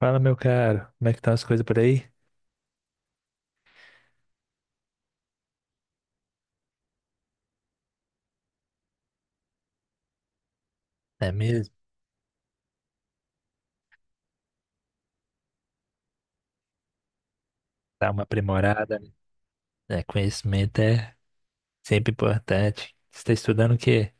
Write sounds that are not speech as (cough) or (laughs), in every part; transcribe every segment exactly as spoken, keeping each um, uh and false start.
Fala, meu caro, como é que estão as coisas por aí? É mesmo? Dá uma aprimorada, né? É, conhecimento é sempre importante. Você está estudando o quê?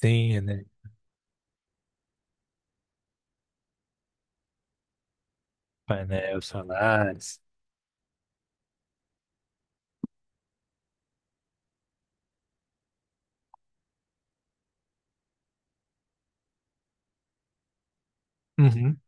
Sim, né? Painel solares. Uhum.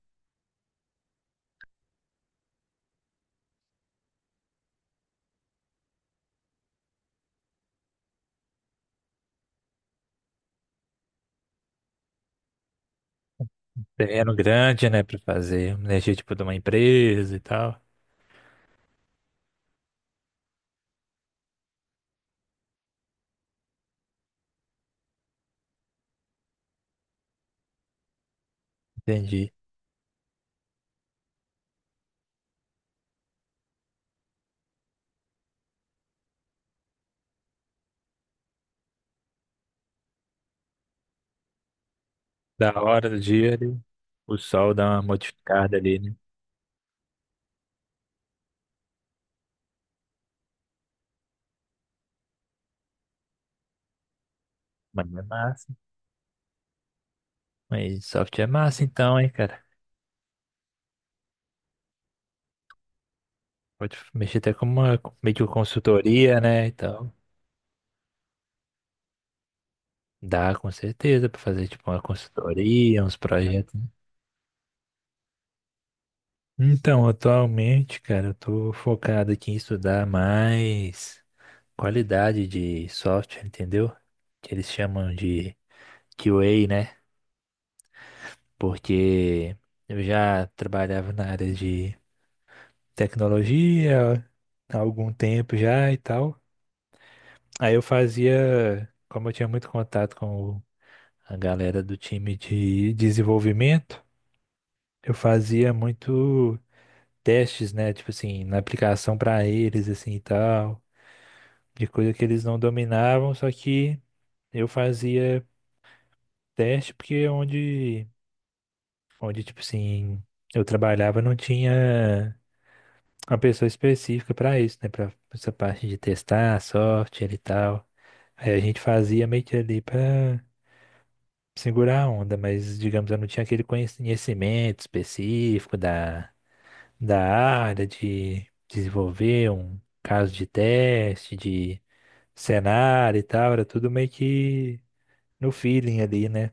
Terreno grande, né, para fazer uma energia tipo de uma empresa e tal. Entendi. Da hora do dia, ali, o sol dá uma modificada ali, né? Mas é massa. Mas software é massa então, hein, cara? Pode mexer até com uma meio que consultoria, né, e tal. Dá com certeza pra fazer tipo uma consultoria, uns projetos. Então, atualmente, cara, eu tô focado aqui em estudar mais qualidade de software, entendeu? Que eles chamam de Q A, né? Porque eu já trabalhava na área de tecnologia há algum tempo já e tal. Aí eu fazia, como eu tinha muito contato com o- a galera do time de desenvolvimento, eu fazia muito testes, né? Tipo assim, na aplicação pra eles, assim e tal, de coisa que eles não dominavam, só que eu fazia teste porque é onde, onde tipo assim, eu trabalhava não tinha uma pessoa específica pra isso, né? Pra essa parte de testar, software e tal. Aí a gente fazia meio que ali pra segurar a onda, mas digamos, eu não tinha aquele conhecimento específico da, da área de desenvolver um caso de teste, de cenário e tal, era tudo meio que no feeling ali, né?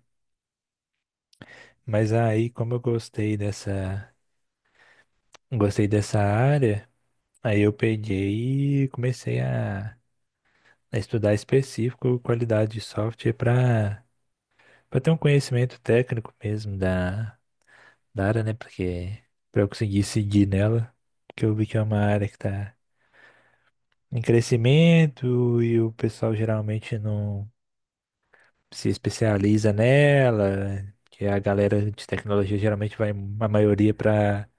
Mas aí, como eu gostei dessa, gostei dessa área, aí eu peguei e comecei a, a estudar específico qualidade de software para para ter um conhecimento técnico mesmo da, da área, né? Porque para eu conseguir seguir nela, porque eu vi que é uma área que está em crescimento e o pessoal geralmente não se especializa nela, que a galera de tecnologia geralmente vai, a maioria, para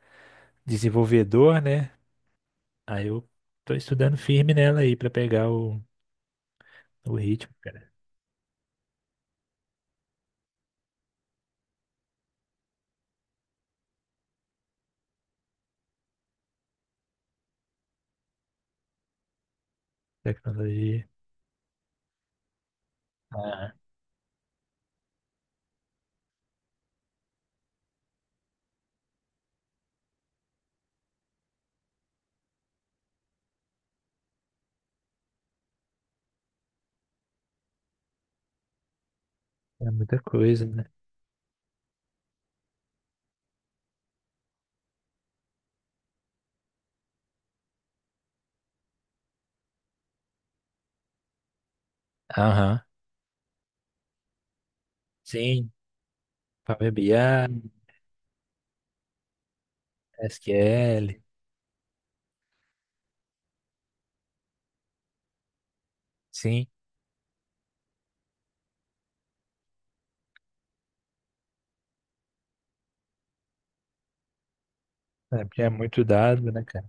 desenvolvedor, né? Aí eu tô estudando firme nela aí para pegar o, o ritmo, cara. Tecnologia. Ah, é muita coisa, né? Aham. Sim, Power B I, S Q L, sim. É porque é muito dado, né, cara?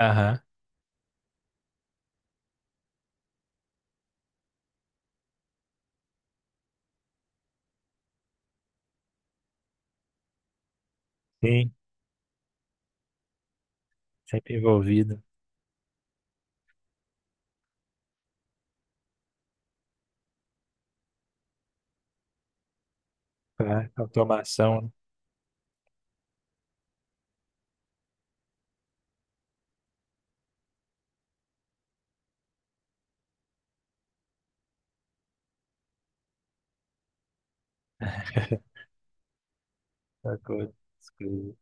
Aham, sim, sempre envolvido. Pá, Automação, né? (laughs) Essa coisa. essa coisa.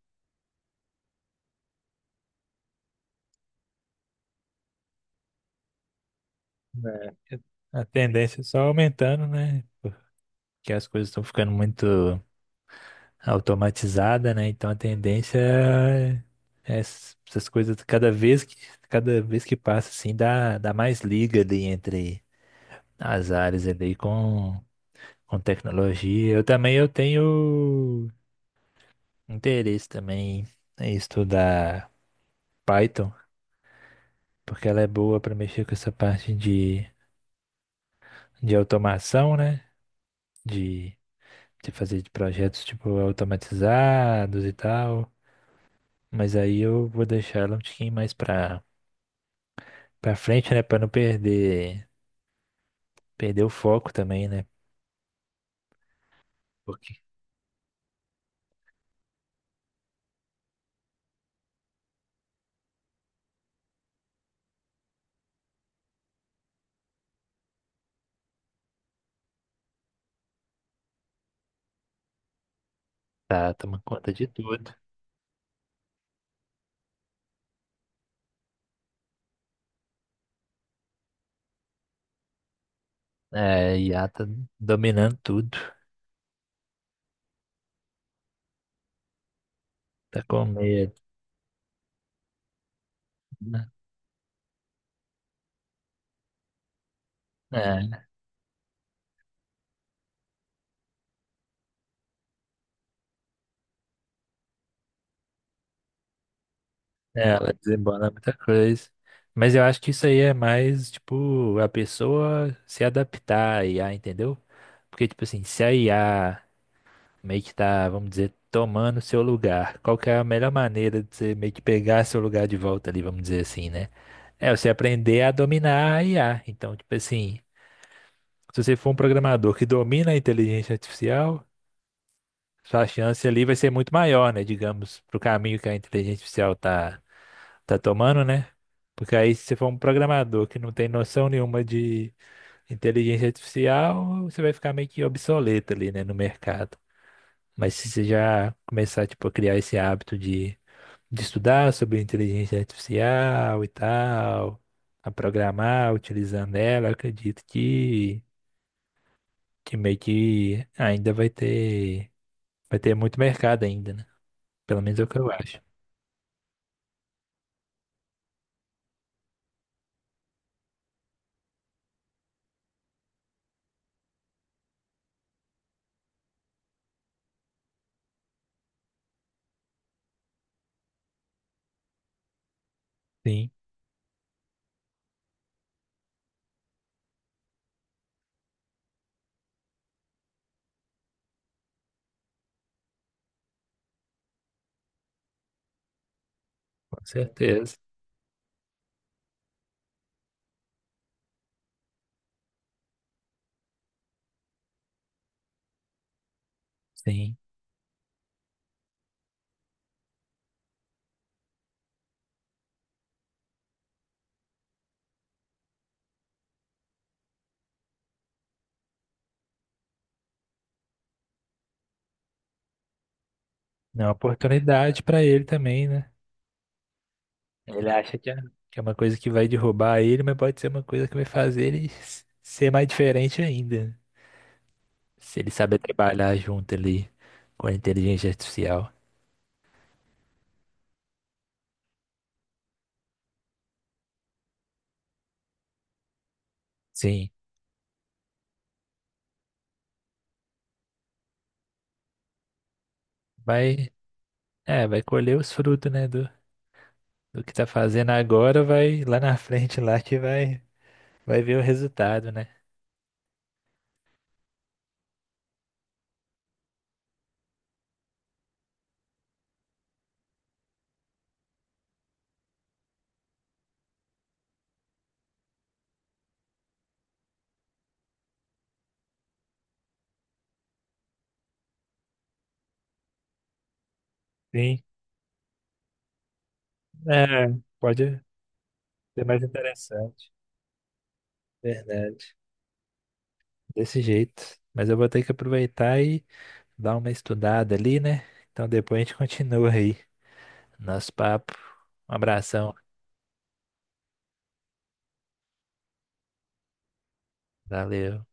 É, a tendência é só aumentando, né? Que as coisas estão ficando muito automatizadas, né? Então a tendência é é s- essas coisas cada vez que cada vez que passa assim dá, dá mais liga ali entre as áreas ali com, com tecnologia. Eu também eu tenho interesse também em estudar Python, porque ela é boa para mexer com essa parte de, de automação, né? De, de fazer de projetos tipo automatizados e tal. Mas aí eu vou deixar ela um tiquinho mais pra, pra frente, né? Pra não perder, perder o foco também, né? Porque tá tomando conta de tudo. É, a I A tá dominando tudo. Tá com medo, né? É, é, ela desembola muita coisa. Mas eu acho que isso aí é mais, tipo, a pessoa se adaptar à I a, entendeu? Porque, tipo assim, se a I A meio que tá, vamos dizer, tomando seu lugar. Qual que é a melhor maneira de você meio que pegar seu lugar de volta ali, vamos dizer assim, né? É você aprender a dominar a I A. Então, tipo assim, se você for um programador que domina a inteligência artificial, sua chance ali vai ser muito maior, né? Digamos, pro caminho que a inteligência artificial tá, tá tomando, né? Porque aí, se você for um programador que não tem noção nenhuma de inteligência artificial, você vai ficar meio que obsoleto ali, né, no mercado. Mas se você já começar, tipo, a criar esse hábito de, de estudar sobre inteligência artificial e tal, a programar utilizando ela, eu acredito que, que meio que ainda vai ter, vai ter muito mercado ainda, né? Pelo menos é o que eu acho. Sim, com certeza. Sim. É uma oportunidade para ele também, né? Ele acha que é, que é uma coisa que vai derrubar ele, mas pode ser uma coisa que vai fazer ele s- ser mais diferente ainda, né? Se ele saber trabalhar junto ali com a inteligência artificial. Sim. Vai, é, vai colher os frutos, né, do, do que tá fazendo agora, vai lá na (laughs) frente lá que vai, vai ver o resultado, né? Sim. É, pode ser mais interessante. Verdade. Desse jeito. Mas eu vou ter que aproveitar e dar uma estudada ali, né? Então depois a gente continua aí. Nosso papo. Um abração. Valeu.